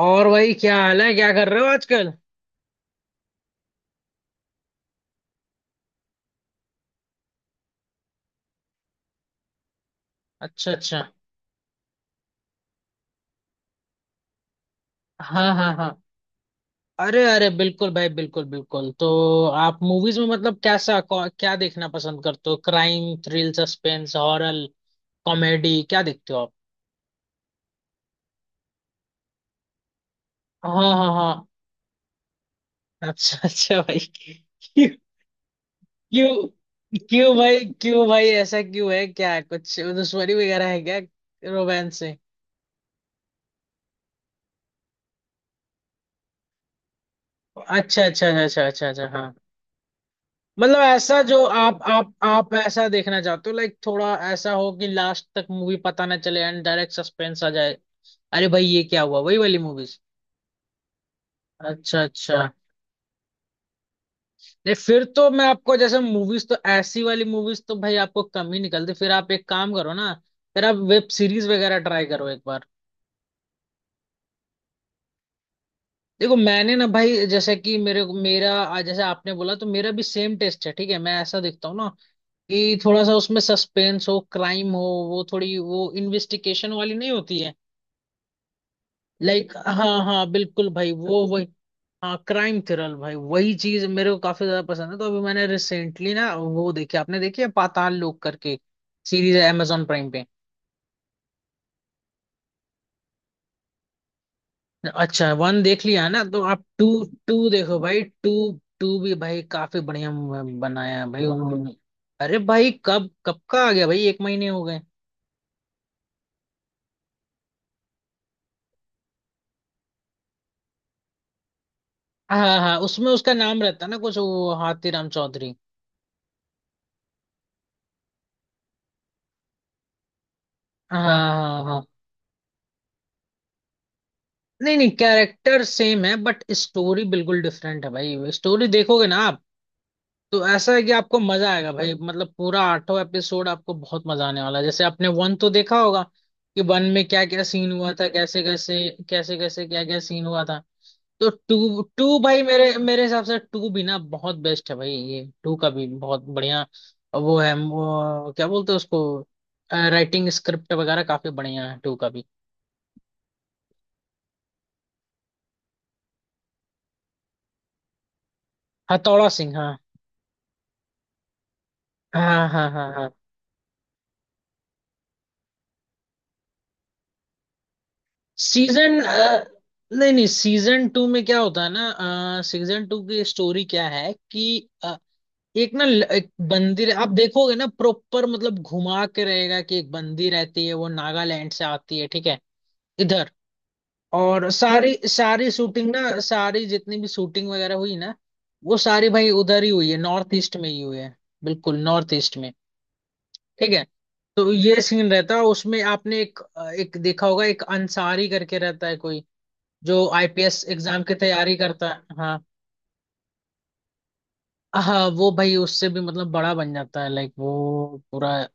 और भाई, क्या हाल है? क्या कर रहे हो आजकल? अच्छा अच्छा। हाँ हाँ हाँ। अरे अरे, बिल्कुल भाई, बिल्कुल बिल्कुल तो आप मूवीज में मतलब कैसा क्या देखना पसंद करते हो? Crime, thrill, suspense, horror, comedy, क्या देखते हो आप? हाँ हाँ हाँ। अच्छा अच्छा भाई, क्यों? क्यों क्यों भाई, क्यों भाई, ऐसा क्यों है? क्या कुछ दुश्मनी वगैरह है क्या? रोमांस से? अच्छा अच्छा अच्छा अच्छा अच्छा अच्छा, हाँ। मतलब ऐसा जो आप ऐसा देखना चाहते हो, लाइक थोड़ा ऐसा हो कि लास्ट तक मूवी पता ना चले, एंड डायरेक्ट सस्पेंस आ जाए। अरे भाई, ये क्या हुआ? वही वाली मूवीज। अच्छा अच्छा। नहीं, फिर तो मैं आपको, जैसे मूवीज तो ऐसी वाली मूवीज तो भाई आपको कम ही निकलती। फिर आप एक काम करो ना, फिर आप वेब सीरीज वगैरह ट्राई करो एक बार। देखो, मैंने ना भाई जैसे कि मेरे मेरा जैसे आपने बोला, तो मेरा भी सेम टेस्ट है, ठीक है? मैं ऐसा देखता हूँ ना कि थोड़ा सा उसमें सस्पेंस हो, क्राइम हो। वो थोड़ी वो इन्वेस्टिगेशन वाली नहीं होती है। लाइक हाँ हाँ बिल्कुल भाई, वो वही। हाँ, क्राइम थ्रिलर भाई, वही चीज मेरे को काफी ज्यादा पसंद है। तो अभी मैंने रिसेंटली ना वो देखी, आपने देखी है पाताल लोक करके? सीरीज है amazon प्राइम पे। अच्छा, वन देख लिया ना, तो आप टू, टू देखो भाई, टू। टू भी भाई काफी बढ़िया बनाया है भाई उन्होंने। अरे भाई, कब कब का आ गया भाई, 1 महीने हो गए। हाँ हाँ हाँ, उसमें उसका नाम रहता है ना कुछ वो, हाथीराम चौधरी। हाँ हाँ हाँ हाँ। नहीं नहीं, कैरेक्टर सेम है बट स्टोरी बिल्कुल डिफरेंट है भाई। स्टोरी देखोगे ना आप, तो ऐसा है कि आपको मजा आएगा भाई, मतलब पूरा आठों एपिसोड आपको बहुत मजा आने वाला है। जैसे आपने वन तो देखा होगा कि वन में क्या क्या सीन हुआ था, कैसे कैसे, कैसे कैसे क्या क्या सीन हुआ था। तो टू, भाई मेरे मेरे हिसाब से टू भी ना बहुत बेस्ट है भाई, ये टू का भी बहुत बढ़िया वो है वो, क्या बोलते हैं उसको? राइटिंग स्क्रिप्ट वगैरह काफी बढ़िया है टू का भी। हथौड़ा सिंह, हाँ। हाँ हाँ हाँ हाँ। सीजन, नहीं नहीं सीजन टू में क्या होता है ना, सीजन टू की स्टोरी क्या है कि एक ना एक बंदी आप देखोगे ना प्रॉपर, मतलब घुमा के रहेगा कि एक बंदी रहती है, वो नागालैंड से आती है, ठीक है? इधर। और सारी सारी शूटिंग ना, सारी जितनी भी शूटिंग वगैरह हुई ना, वो सारी भाई उधर ही हुई है, नॉर्थ ईस्ट में ही हुई है। बिल्कुल नॉर्थ ईस्ट में। ठीक है। तो ये सीन रहता है उसमें, आपने एक एक देखा होगा, एक अंसारी करके रहता है कोई जो आईपीएस एग्जाम की तैयारी करता है, हाँ। हाँ, वो भाई उससे भी मतलब बड़ा बन जाता है लाइक, वो पूरा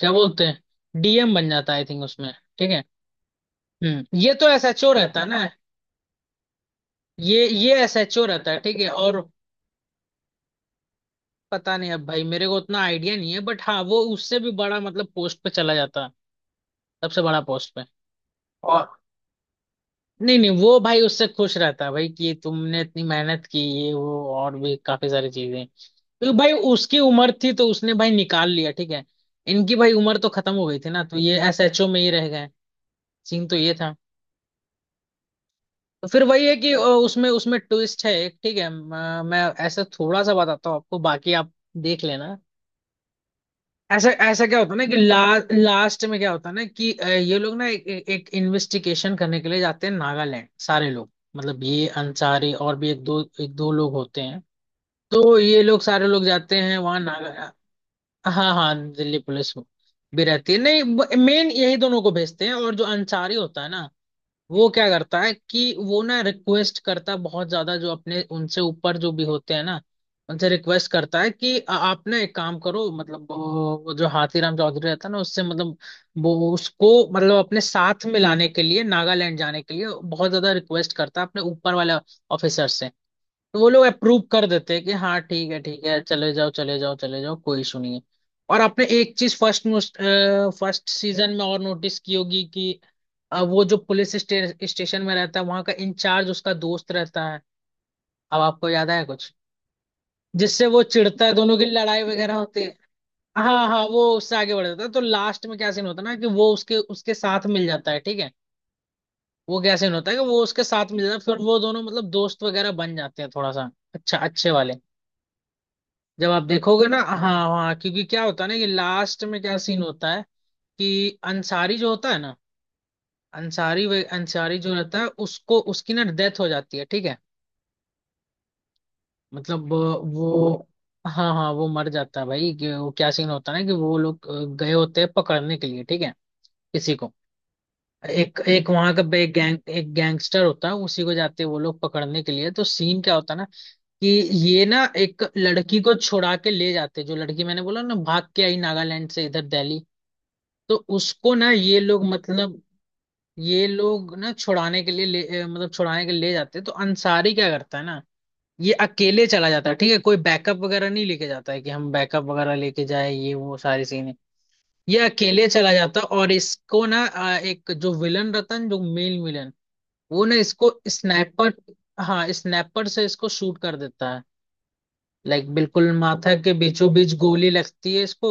क्या बोलते हैं, डीएम बन जाता है आई थिंक उसमें। ठीक है। ये तो एसएचओ रहता है ना? ये एसएचओ रहता है ठीक है। और पता नहीं, अब भाई मेरे को उतना आइडिया नहीं है, बट हाँ वो उससे भी बड़ा मतलब पोस्ट पे चला जाता है, सबसे बड़ा पोस्ट पे। और नहीं नहीं, वो भाई उससे खुश रहता है भाई कि तुमने इतनी मेहनत की, ये वो और भी काफी सारी चीजें, क्योंकि भाई उसकी उम्र थी तो उसने भाई निकाल लिया, ठीक है? इनकी भाई उम्र तो खत्म हो गई थी ना, तो ये एसएचओ में ही रह गए। सीन तो ये था। तो फिर वही है कि उसमें उसमें ट्विस्ट है एक, ठीक है, मैं ऐसा थोड़ा सा बताता हूँ आपको, बाकी आप देख लेना। ऐसा ऐसा क्या होता है ना कि लास्ट में क्या होता है ना कि ये लोग ना एक इन्वेस्टिगेशन करने के लिए जाते हैं नागालैंड, सारे लोग, मतलब ये अंसारी और भी एक दो लोग होते हैं। तो ये लोग सारे लोग जाते हैं वहाँ नागा, हाँ हाँ दिल्ली पुलिस भी रहती है नहीं, मेन यही दोनों को भेजते हैं। और जो अंसारी होता है ना, वो क्या करता है कि वो ना रिक्वेस्ट करता है बहुत ज्यादा, जो अपने उनसे ऊपर जो भी होते हैं ना, उनसे रिक्वेस्ट करता है कि आप ना एक काम करो, मतलब वो जो हाथीराम चौधरी रहता है ना उससे, मतलब वो उसको मतलब अपने साथ में लाने के लिए, नागालैंड जाने के लिए बहुत ज्यादा रिक्वेस्ट करता है अपने ऊपर वाले ऑफिसर से। तो वो लोग अप्रूव कर देते हैं कि हाँ ठीक है ठीक है, चले जाओ चले जाओ चले जाओ, कोई इशू नहीं है। और आपने एक चीज फर्स्ट फर्स्ट सीजन में और नोटिस की होगी कि वो जो पुलिस स्टेशन में रहता है, वहां का इंचार्ज उसका दोस्त रहता है। अब आपको याद आया कुछ? जिससे वो चिढ़ता है, दोनों की लड़ाई वगैरह होती है। हाँ हाँ, वो उससे आगे बढ़ जाता है, तो लास्ट में क्या सीन होता है ना कि वो उसके उसके साथ मिल जाता है, ठीक है। वो क्या सीन होता है कि वो उसके साथ मिल जाता है, फिर वो दोनों मतलब दोस्त वगैरह बन जाते हैं थोड़ा सा, अच्छा, अच्छे वाले। जब आप देखोगे ना, हाँ। हाँ, क्योंकि क्या होता है ना कि लास्ट में क्या सीन होता है कि अंसारी जो होता है ना, अंसारी जो रहता है, उसको उसकी ना डेथ हो जाती है, ठीक है? मतलब वो, हाँ हाँ वो मर जाता है भाई, कि वो क्या सीन होता है ना कि वो लोग गए होते हैं पकड़ने के लिए, ठीक है, किसी को। एक एक वहां का गैंग एक गैंगस्टर होता है, उसी को जाते हैं वो लोग पकड़ने के लिए। तो सीन क्या होता है ना कि ये ना एक लड़की को छुड़ा के ले जाते, जो लड़की मैंने बोला ना भाग के आई नागालैंड से इधर दिल्ली, तो उसको ना ये लोग मतलब, ये लोग ना छुड़ाने के लिए मतलब छुड़ाने के लिए ले जाते हैं। तो अंसारी क्या करता है ना, ये अकेले चला जाता है, ठीक है, कोई बैकअप वगैरह नहीं लेके जाता है, कि हम बैकअप वगैरह लेके जाए ये वो सारी सीन। ये अकेले चला जाता है और इसको ना एक जो विलन रतन, जो मेल विलन, वो ना इसको स्नाइपर, हाँ स्नाइपर से इसको शूट कर देता है, लाइक बिल्कुल माथा के बीचों बीच गोली लगती है इसको।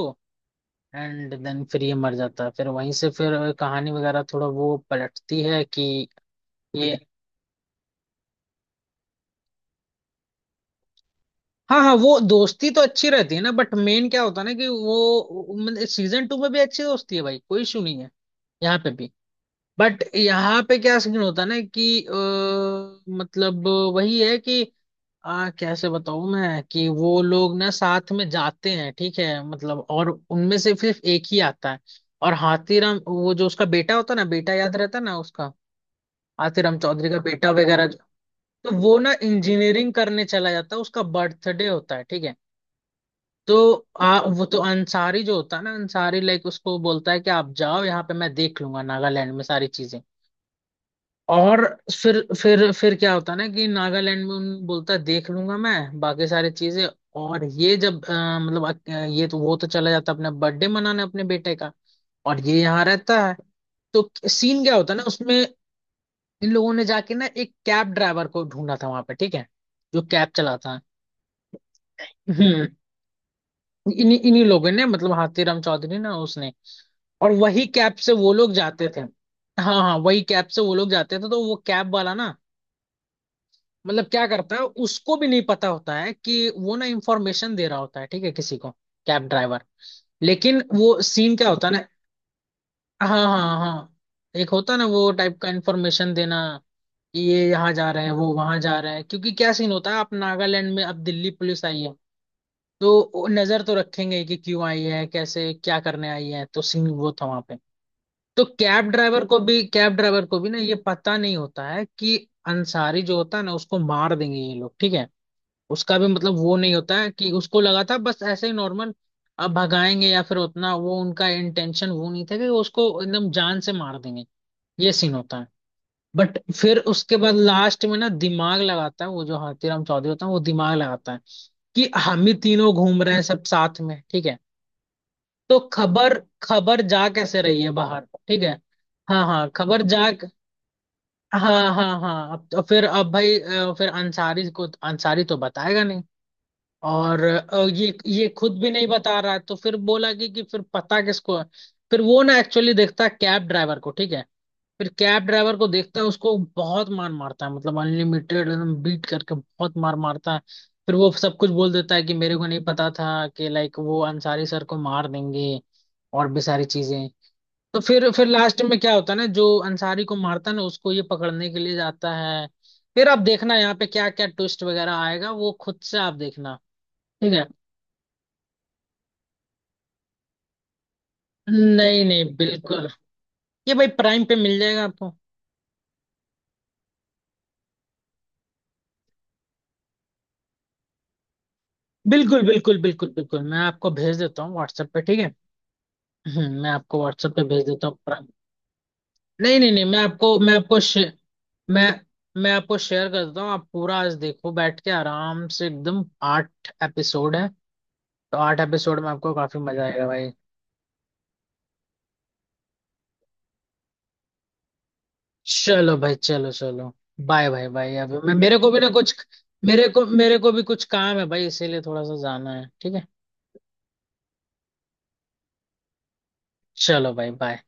एंड देन फिर ये मर जाता है, फिर वहीं से फिर कहानी वगैरह थोड़ा वो पलटती है कि ये, हाँ हाँ वो दोस्ती तो अच्छी रहती है ना, बट मेन क्या होता है ना कि वो सीजन टू में भी अच्छी दोस्ती है भाई, कोई इशू नहीं है, यहाँ पे भी। बट यहाँ पे क्या सीन होता है ना कि मतलब वही है कि कैसे बताऊँ मैं कि वो लोग ना साथ में जाते हैं ठीक है, मतलब, और उनमें से सिर्फ एक ही आता है। और हाथीराम, वो जो उसका बेटा होता है ना, बेटा याद रहता है ना उसका? आतिराम चौधरी का बेटा वगैरह तो वो ना इंजीनियरिंग करने चला जाता है, उसका बर्थडे होता है, ठीक है। तो वो तो अंसारी जो होता है ना अंसारी, लाइक उसको बोलता है कि आप जाओ यहाँ पे, मैं देख लूंगा नागालैंड में सारी चीजें। और फिर क्या होता है ना कि नागालैंड में उन बोलता है देख लूंगा मैं बाकी सारी चीजें। और ये जब मतलब ये तो वो तो चला जाता है अपना बर्थडे मनाने, अपने बेटे का, और ये यहाँ रहता है। तो सीन क्या होता है ना उसमें, इन लोगों ने जाके ना एक कैब ड्राइवर को ढूंढा था वहां पे, ठीक है, जो कैब चलाता है। हम्म, इन्हीं इन्हीं लोगों ने, मतलब हाथीराम चौधरी ना उसने, और वही कैब से वो लोग जाते थे। हाँ हाँ, वही कैब से वो लोग जाते थे, तो वो कैब वाला ना, मतलब क्या करता है, उसको भी नहीं पता होता है कि वो ना इंफॉर्मेशन दे रहा होता है ठीक है किसी को, कैब ड्राइवर, लेकिन वो सीन क्या होता है ना, हाँ हाँ हाँ हाँ, एक होता है ना वो टाइप का इंफॉर्मेशन देना कि ये यहाँ जा रहे हैं, वो वहां जा रहे हैं, क्योंकि क्या सीन होता है, आप नागालैंड में अब दिल्ली पुलिस आई है, तो वो नजर तो रखेंगे कि क्यों आई है, कैसे क्या करने आई है, तो सीन वो था वहां पे। तो कैब ड्राइवर को भी ना ये पता नहीं होता है कि अंसारी जो होता है ना, उसको मार देंगे ये लोग, ठीक है। उसका भी मतलब वो नहीं होता है, कि उसको लगा था बस ऐसे ही नॉर्मल अब भगाएंगे, या फिर उतना वो उनका इंटेंशन वो नहीं था कि उसको एकदम जान से मार देंगे। ये सीन होता है। बट फिर उसके बाद लास्ट में ना दिमाग लगाता है वो जो हाथीराम चौधरी होता है, वो दिमाग लगाता है कि हम ही तीनों घूम रहे हैं सब साथ में, ठीक है, तो खबर खबर जा कैसे रही है बाहर, ठीक है, हाँ हाँ खबर जा, हाँ हाँ हाँ अब तो फिर अब भाई फिर अंसारी तो बताएगा नहीं, और ये खुद भी नहीं बता रहा है, तो फिर बोला कि फिर पता किसको है। फिर वो ना एक्चुअली देखता है कैब ड्राइवर को, ठीक है, फिर कैब ड्राइवर को देखता है, उसको बहुत मार मारता है, मतलब अनलिमिटेड, एकदम बीट करके बहुत मार मारता है। फिर वो सब कुछ बोल देता है कि मेरे को नहीं पता था कि लाइक वो अंसारी सर को मार देंगे, और भी सारी चीजें। तो फिर लास्ट में क्या होता है ना, जो अंसारी को मारता है ना, उसको ये पकड़ने के लिए जाता है। फिर आप देखना यहाँ पे क्या क्या ट्विस्ट वगैरह आएगा, वो खुद से आप देखना, ठीक है। नहीं नहीं, बिल्कुल। ये भाई प्राइम पे मिल जाएगा आपको। बिल्कुल बिल्कुल बिल्कुल बिल्कुल, मैं आपको भेज देता हूँ व्हाट्सएप पे, ठीक है। मैं आपको व्हाट्सएप पे भेज देता हूँ प्राइम। नहीं नहीं नहीं, मैं आपको मैं मैं आपको शेयर करता हूँ, आप पूरा आज देखो बैठ के आराम से, एकदम 8 एपिसोड है, तो 8 एपिसोड में आपको काफी मजा आएगा भाई। चलो भाई चलो चलो, बाय भाई बाय, अभी मैं मेरे को भी ना कुछ, मेरे को भी कुछ काम है भाई, इसीलिए थोड़ा सा जाना है, ठीक है। चलो भाई बाय।